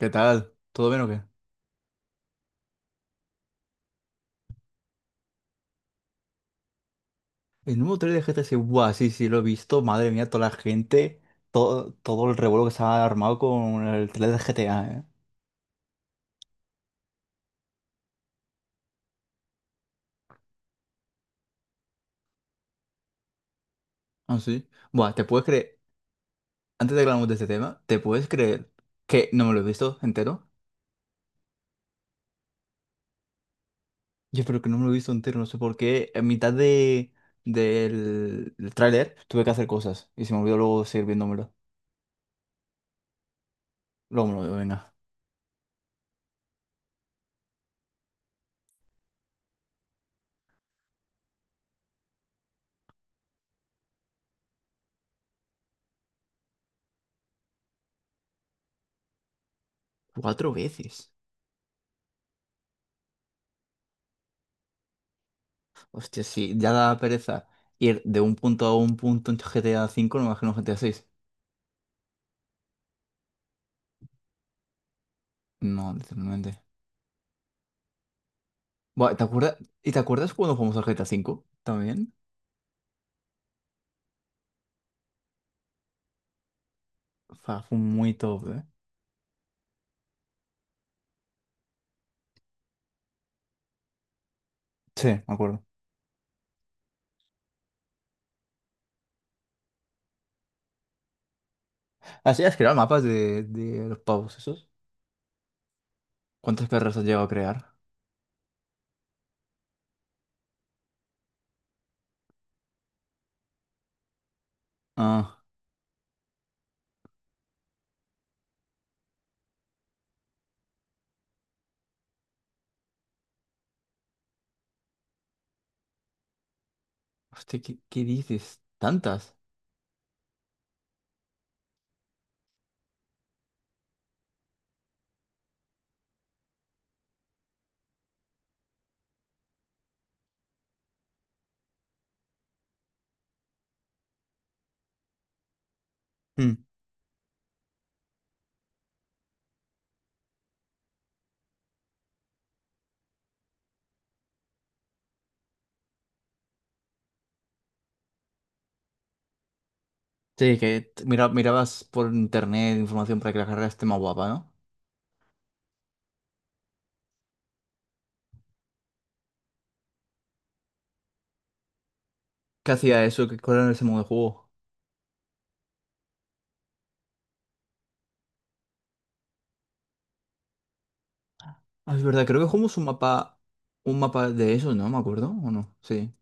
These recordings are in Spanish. ¿Qué tal? ¿Todo bien o qué? El número 3 de GTC, buah, sí, sí, lo he visto. Madre mía, toda la gente, todo el revuelo que se ha armado con el 3 de GTA, ¿eh? Ah, sí. Buah, ¿te puedes creer? Antes de que hablamos de este tema, ¿te puedes creer que no me lo he visto entero? Yo creo que no me lo he visto entero, no sé por qué. En mitad de, del del tráiler tuve que hacer cosas y se me olvidó luego seguir viéndomelo. Luego me lo veo, venga. Cuatro veces. Hostia, sí, ya da pereza ir de un punto a un punto en GTA V, no me imagino GTA VI. No, literalmente. Bueno, ¿te acuerdas? ¿Y te acuerdas cuando jugamos al GTA 5 también. Fue muy top, ¿eh? Sí, me acuerdo. Así, ¿hacías crear mapas de los pavos esos? ¿Cuántas perras has llegado a crear? Ah, hostia, ¿qué dices? ¿Tantas? Mm. Sí, mira, mirabas por internet información para que la carrera esté más guapa, ¿no? ¿Qué hacía eso? ¿Cuál era ese modo de juego? Ah, es verdad, creo que jugamos un mapa de eso, ¿no? ¿Me acuerdo? ¿O no? Sí.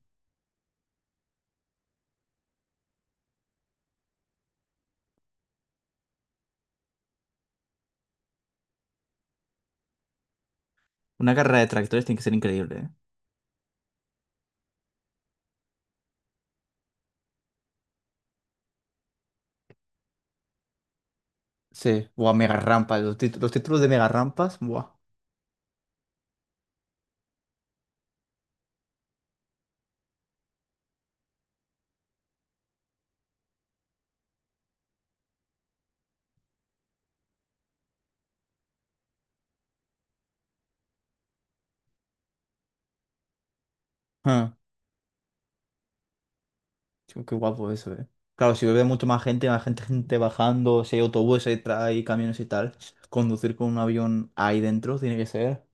Una carrera de tractores tiene que ser increíble, ¿eh? Sí, buah, mega rampa. Los títulos de mega rampas, buah. Ah, tío, qué guapo eso, eh. Claro, si bebe mucho más gente bajando, si hay autobuses, hay camiones y tal, conducir con un avión ahí dentro tiene que ser.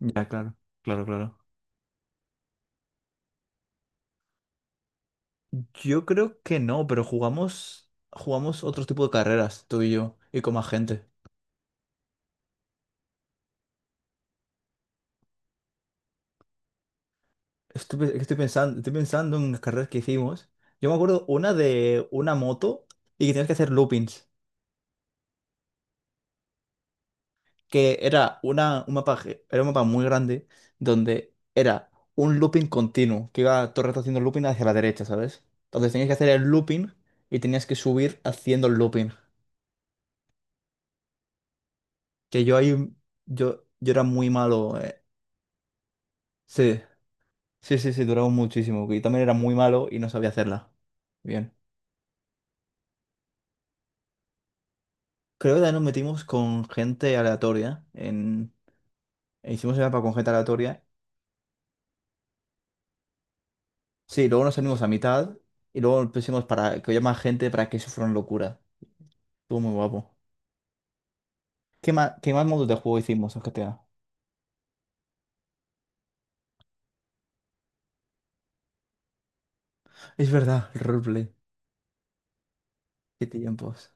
Ya, claro, claro, claro. Yo creo que no, pero jugamos otro tipo de carreras, tú y yo, y con más gente. Estoy pensando en las carreras que hicimos. Yo me acuerdo una de una moto y que tienes que hacer loopings. Que era un mapa muy grande donde era un looping continuo, que iba todo el rato haciendo looping hacia la derecha, ¿sabes? Entonces tenías que hacer el looping y tenías que subir haciendo el looping. Que yo era muy malo, eh. Sí, sí, sí, sí, duraba muchísimo. Y también era muy malo y no sabía hacerla. Bien. Creo que también nos metimos con gente aleatoria. En... e Hicimos el mapa con gente aleatoria. Sí, luego nos salimos a mitad y luego pusimos para que haya más gente para que eso fuera una locura. Estuvo muy guapo. ¿Qué más modos de juego hicimos en GTA? Es verdad, el roleplay. ¿Qué tiempos?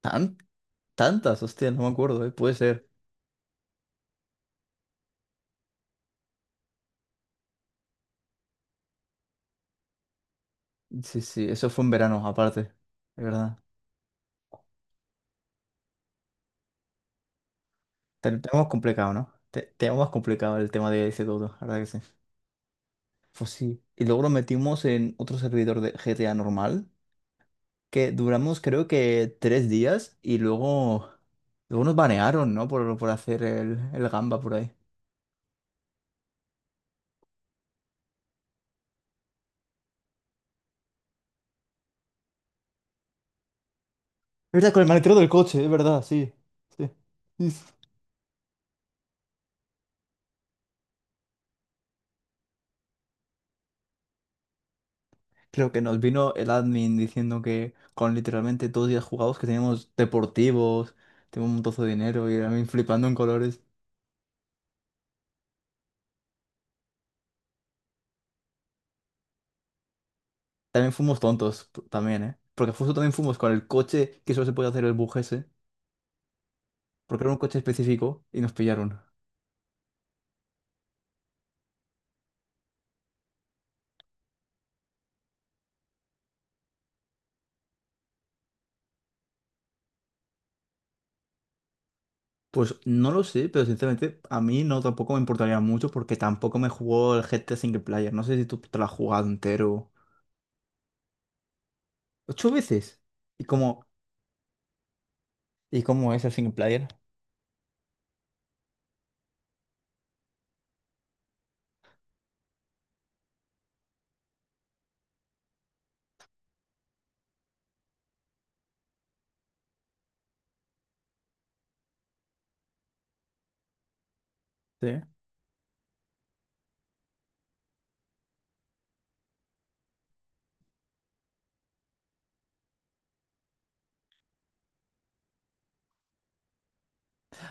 ¿Tan? Tantas, hostia, no me acuerdo, ¿eh? Puede ser. Sí, sí, eso fue en verano, aparte. Es verdad. Tenemos complicado, ¿no? Tenemos complicado el tema de ese todo, la verdad que sí. Pues sí. Y luego lo metimos en otro servidor de GTA normal, que duramos creo que 3 días y luego nos banearon, ¿no? Por hacer el gamba por ahí. Es verdad, con el maletero del coche, es verdad, sí. Sí. Sí. Creo que nos vino el admin diciendo que con literalmente todos los días jugados que teníamos deportivos, teníamos un montozo de dinero y a mí flipando en colores. También fuimos tontos, también, ¿eh? Porque justo también fuimos con el coche que solo se podía hacer el bug ese, porque era un coche específico y nos pillaron. Pues no lo sé, pero sinceramente a mí no tampoco me importaría mucho porque tampoco me jugó el GTA Single Player. No sé si tú te lo has jugado entero. ¿Ocho veces? ¿Y cómo, y cómo es el Single Player? Sí.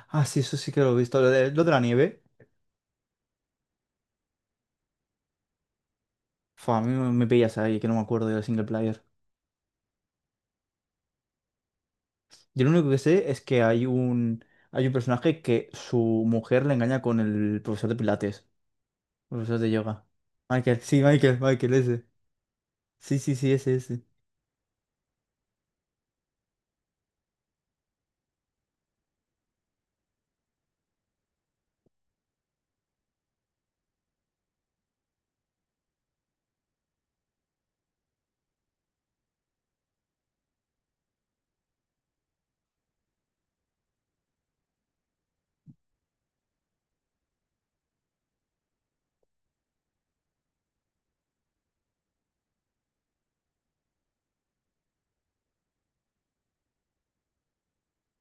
Ah, sí, eso sí que lo he visto. Lo de la nieve. Fua, a mí me pillas ahí, que no me acuerdo del single player. Yo lo único que sé es que hay un personaje que su mujer le engaña con el profesor de Pilates, profesor de yoga. Michael, sí, Michael, Michael, ese. Sí, sí, sí, ese, ese.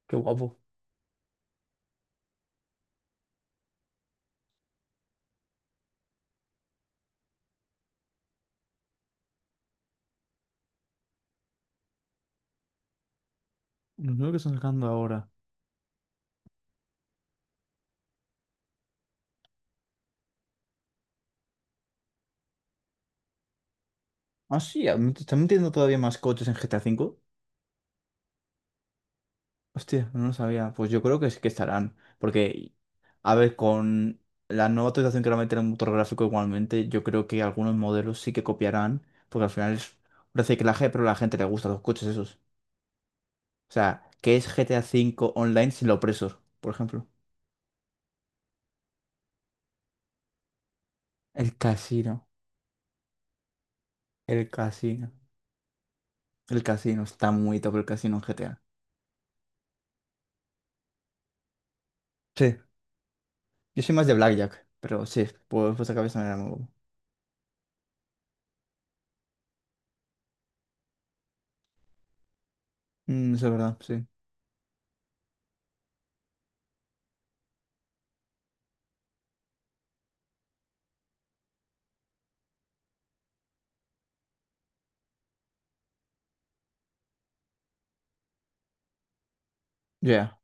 Qué guapo. Los nuevos que están sacando ahora. Ah, sí, me están metiendo todavía más coches en GTA V. Hostia, no lo sabía. Pues yo creo que sí que estarán. Porque, a ver, con la nueva actualización que va a meter el motor gráfico igualmente, yo creo que algunos modelos sí que copiarán. Porque al final es un reciclaje, pero a la gente le gustan los coches esos. O sea, ¿qué es GTA 5 online sin los presos, por ejemplo? El casino. El casino. El casino. Está muy top el casino en GTA. Sí. Yo soy más de Blackjack, pero sí, pues esa cabeza me era muy guapo. Eso es verdad, sí. Ya,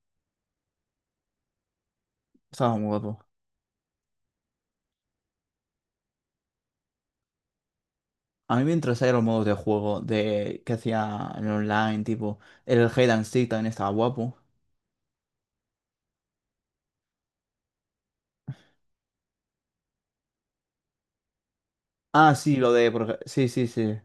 estaba muy guapo. A mí me interesaban los modos de juego de que hacía en online, tipo el Hide and Seek también estaba guapo. Ah, sí, lo de por ej- sí, sí, sí.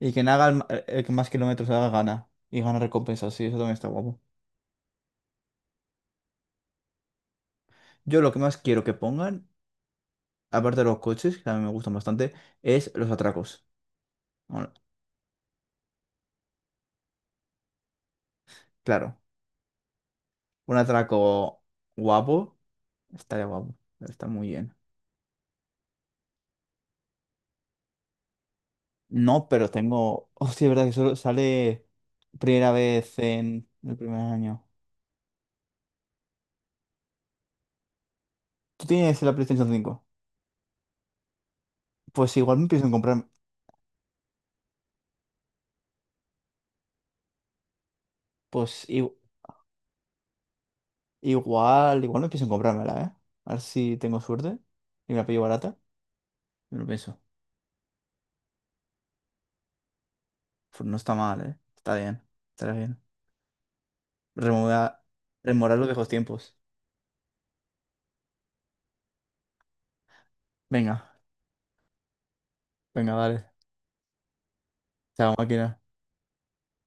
Y quien haga el que más kilómetros haga gana y gana recompensas, sí, eso también está guapo. Yo lo que más quiero que pongan, aparte de los coches, que a mí me gustan bastante, es los atracos. Bueno, claro, un atraco guapo estaría guapo, está muy bien. No, pero tengo, hostia, es verdad que solo sale primera vez en el primer año. Tú tienes la PlayStation 5. Pues igual me pienso en comprarme. Pues igual me pienso en comprármela, ¿eh? A ver si tengo suerte y me la pillo barata. Me lo pienso. Pues no está mal, ¿eh? Está bien. Estará bien. Remover, rememorar los viejos tiempos. Venga, venga, dale. Chao, máquina.